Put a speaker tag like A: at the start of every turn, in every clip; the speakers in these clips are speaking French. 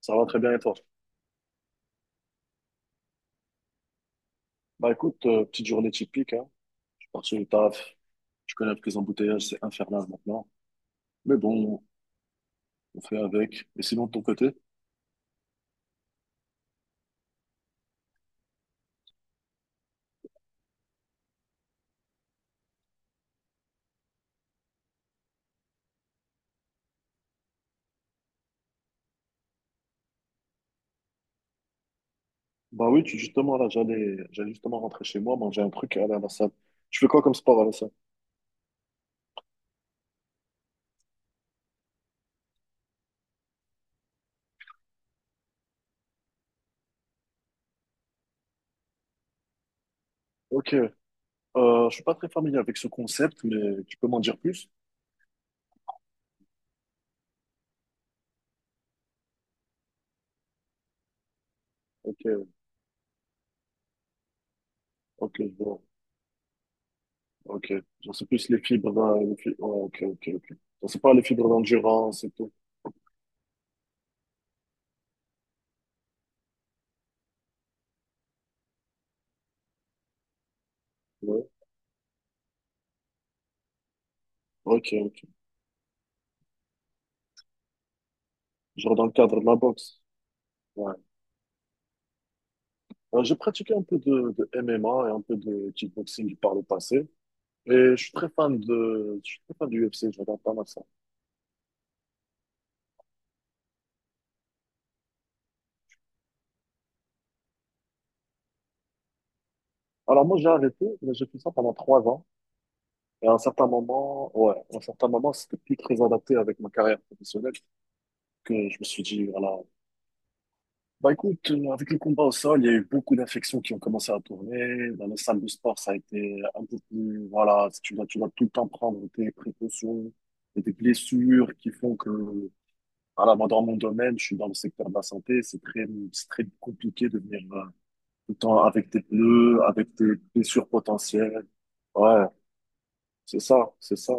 A: Ça va très bien et toi? Bah écoute, petite journée typique, hein. Je suis parti du taf, je connais que les embouteillages, c'est infernal maintenant. Mais bon, on fait avec. Et sinon de ton côté? Bah oui, justement là, j'allais justement rentrer chez moi, manger un truc et aller à la salle. Tu fais quoi comme sport à la salle? Ok, je suis pas très familier avec ce concept, mais tu peux m'en dire plus? Ok, ok, bon, ok. J'en sais plus les fibres, les fibres. Ok, ok, ok. J'en sais pas les fibres d'endurance et tout. Ouais, ok, ok. Genre dans le cadre de la boxe. Ouais. J'ai pratiqué un peu de MMA et un peu de kickboxing par le passé. Et je suis très fan de, je suis très fan du UFC, je regarde pas mal ça. Alors moi, j'ai arrêté, mais j'ai fait ça pendant 3 ans. Et à un certain moment, ouais, à un certain moment, c'était plus très adapté avec ma carrière professionnelle que je me suis dit, voilà, bah écoute, avec le combat au sol, il y a eu beaucoup d'infections qui ont commencé à tourner. Dans les salles de sport, ça a été un peu plus, voilà, tu dois tout le temps prendre tes précautions et tes blessures qui font que voilà, moi, dans mon domaine, je suis dans le secteur de la santé. C'est très compliqué de venir tout le temps avec tes pneus, avec tes blessures potentielles. Ouais, c'est ça, c'est ça.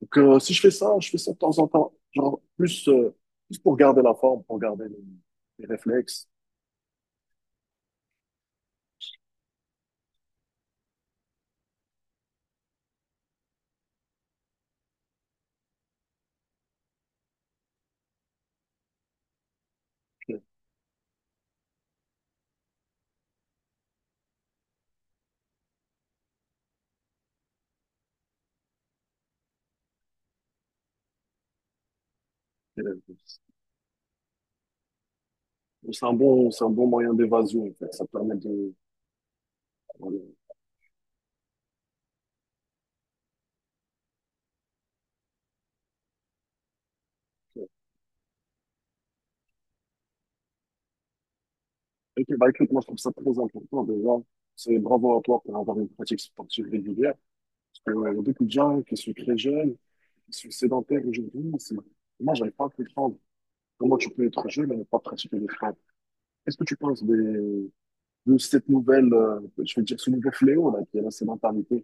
A: Donc, si je fais ça, je fais ça de temps en temps. Genre, plus, plus pour garder la forme, pour garder les réflexes. Euh, c'est un bon moyen d'évasion, en fait. Ça permet de, voilà. Ok, bah écoute, moi je trouve ça très important déjà. C'est bravo à toi pour avoir une pratique sportive régulière. Parce que il y a beaucoup de gens qui sont très jeunes, qui sont sédentaires aujourd'hui. Moi, j'arrive pas à comprendre comment tu peux être jeune et ne pas pratiquer le sport. Qu'est-ce que tu penses des- De cette nouvelle, je veux dire, ce nouveau fléau là, qui est la sédentarité?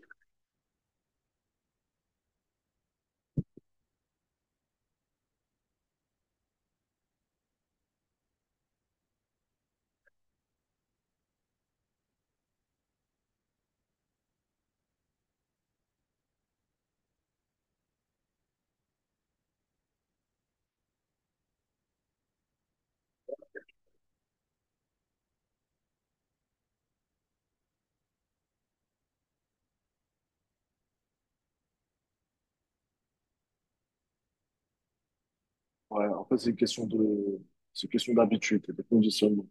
A: Ouais, en fait, c'est une question d'habitude et de conditionnement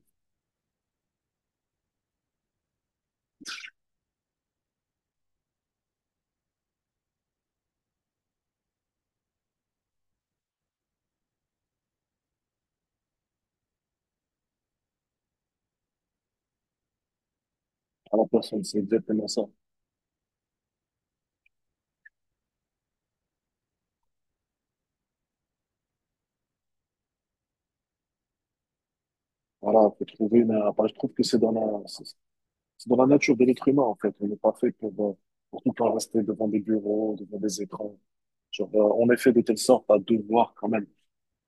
A: à la personne. C'est exactement ça. Voilà, bah, je trouve que c'est dans la nature de l'être humain, en fait. On n'est pas fait pour tout le temps rester devant des bureaux, devant des écrans. Genre, on est fait de telle sorte à devoir quand même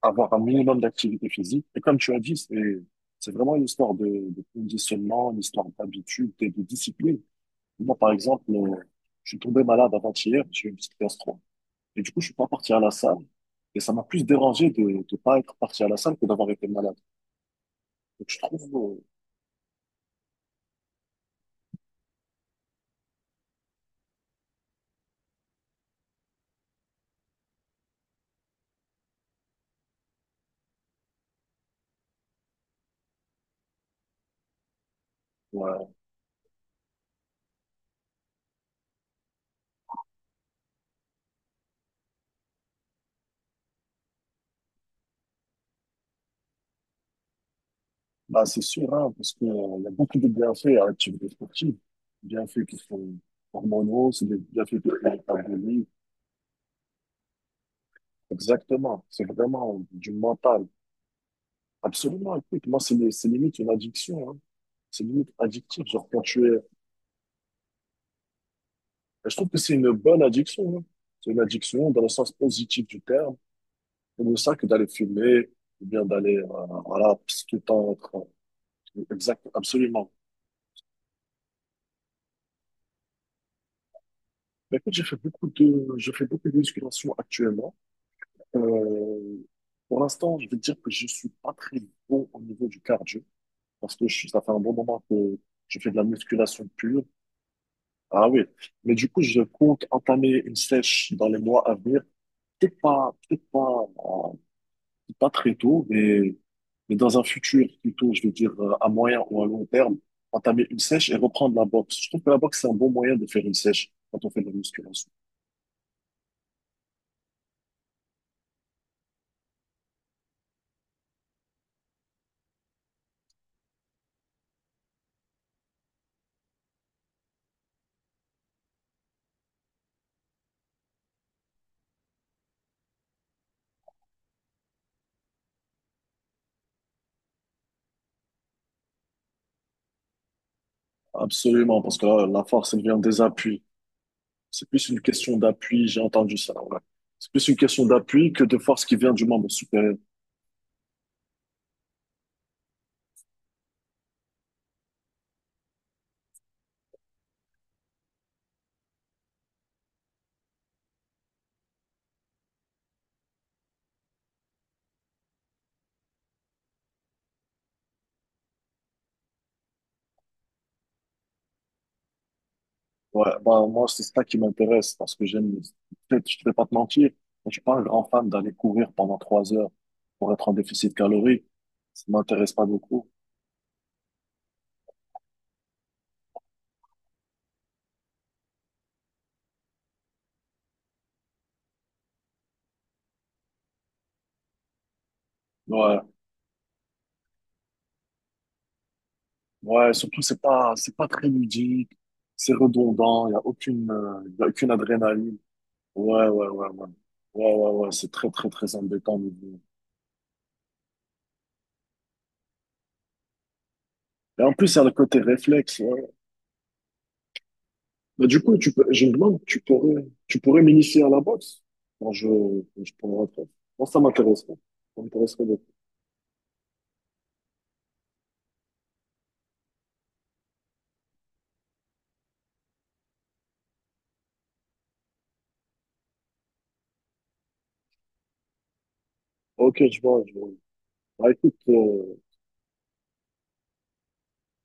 A: avoir un minimum d'activité physique. Et comme tu as dit, c'est vraiment une histoire de conditionnement, une histoire d'habitude et de discipline. Moi, par exemple, je suis tombé malade avant-hier, j'ai eu une petite gastro. Et du coup, je suis pas parti à la salle. Et ça m'a plus dérangé de ne pas être parti à la salle que d'avoir été malade. Donc, je trouve, ouais. Bah, c'est sûr, hein, parce qu'il y a beaucoup de bienfaits à l'activité sportive. Bienfaits qui sont hormonaux, c'est des bienfaits qui sont métaboliques. Exactement. C'est vraiment du mental. Absolument. Écoute, moi, c'est limite une addiction. Hein. C'est limite addictif. Genre, quand tu es. Je trouve que c'est une bonne addiction, hein. C'est une addiction dans le sens positif du terme. C'est pour ça que d'aller fumer, ou bien d'aller, voilà, tout le temps, en train. Exact, absolument. Mais écoute, j'ai fait beaucoup de, je fais beaucoup de musculation actuellement. Euh, pour l'instant, je vais dire que je suis pas très bon au niveau du cardio parce que je suis, ça fait un bon moment que je fais de la musculation pure. Ah oui, mais du coup, je compte entamer une sèche dans les mois à venir. Peut-être pas, pas très tôt, mais dans un futur plutôt, je veux dire à moyen ou à long terme, entamer une sèche et reprendre la boxe. Je trouve que la boxe, c'est un bon moyen de faire une sèche quand on fait de la musculation. Absolument, parce que là, la force, elle vient des appuis. C'est plus une question d'appui, j'ai entendu ça, ouais. C'est plus une question d'appui que de force qui vient du membre supérieur. Ouais, bah, moi, c'est ça qui m'intéresse parce que j'aime, peut-être, je ne vais pas te mentir, je suis pas un grand fan d'aller courir pendant 3 heures pour être en déficit calorique. Ça m'intéresse pas beaucoup. Ouais, ouais, surtout, c'est pas très ludique, c'est redondant, il y a aucune adrénaline. Ouais, ouais, ouais, ouais. Ouais, ouais, ouais, c'est très, très, très embêtant, mais bon. Et en plus, il y a le côté réflexe, ouais. Bah, du coup, je me demande, tu pourrais m'initier à la boxe quand je prends la retraite. Moi, ça m'intéresserait. Ça m'intéresserait beaucoup. Ok, je vois, je vois. Bah, écoute, euh,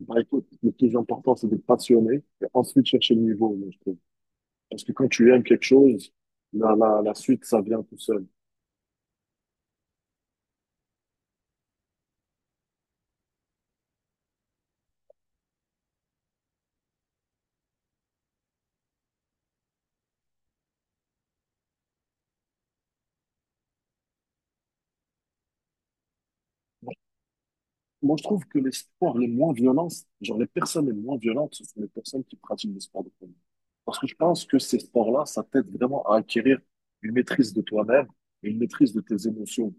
A: bah, écoute, le plus important, c'est d'être passionné et ensuite chercher le niveau, moi, je trouve. Parce que quand tu aimes quelque chose, la suite, ça vient tout seul. Moi, je trouve que les sports les moins violents, genre les personnes les moins violentes, ce sont les personnes qui pratiquent des sports de combat. Parce que je pense que ces sports-là, ça t'aide vraiment à acquérir une maîtrise de toi-même et une maîtrise de tes émotions.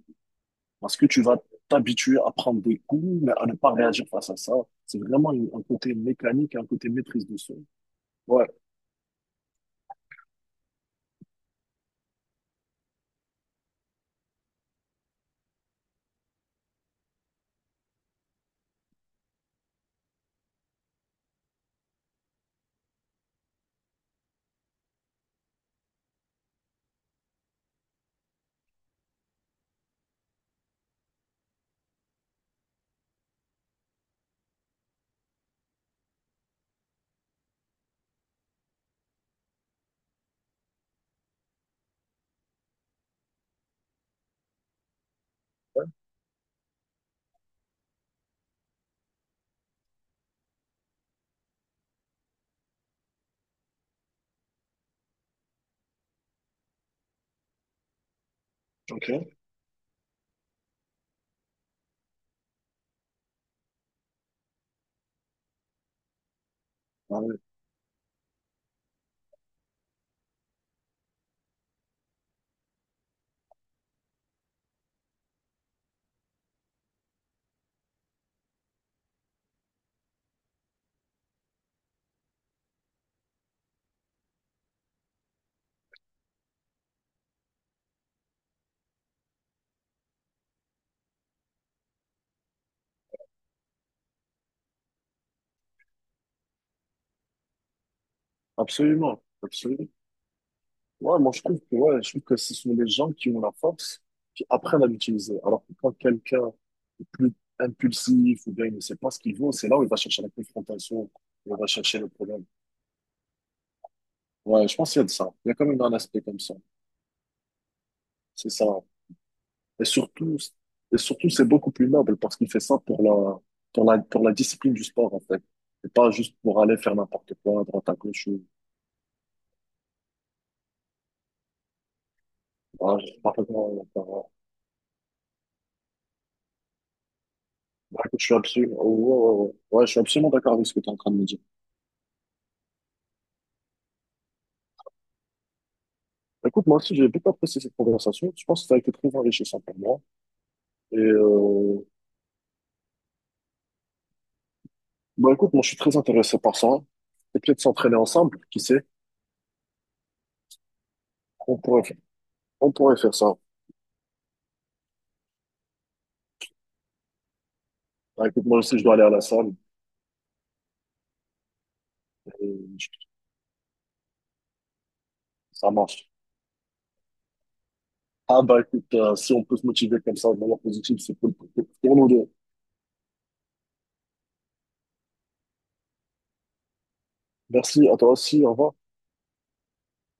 A: Parce que tu vas t'habituer à prendre des coups, mais à ne pas réagir face à ça. Un côté mécanique, un côté maîtrise de soi. Ouais, ok. Ah ouais, absolument, absolument. Ouais, moi je trouve que ouais, je trouve que ce sont les gens qui ont la force, qui apprennent à l'utiliser. Alors que quand quelqu'un est plus impulsif ou bien il ne sait pas ce qu'il veut, c'est là où il va chercher la confrontation, où il va chercher le problème. Ouais, je pense qu'il y a de ça. Il y a quand même un aspect comme ça. C'est ça. Et surtout, et surtout, c'est beaucoup plus noble parce qu'il fait ça pour la, pour la discipline du sport, en fait. Et pas juste pour aller faire n'importe quoi, à droite à gauche, ou, voilà, je sais pas comment, par- bah, bah, écoute, je suis absolument, oh, ouais, ouais, ouais. Ouais, je suis absolument d'accord avec ce que tu es en train de me dire. Écoute, moi aussi, j'ai beaucoup apprécié cette conversation. Je pense que ça a été très enrichissant pour moi. Et, bah, écoute, moi, je suis très intéressé par ça. Et peut-être s'entraîner ensemble, qui sait? On pourrait, on pourrait faire ça. Bah, écoute, moi aussi, je dois aller à la salle. Et je- Ça marche. Ah bah écoute, si on peut se motiver comme ça de manière positive, c'est cool pour nous deux. Merci à toi aussi, au revoir.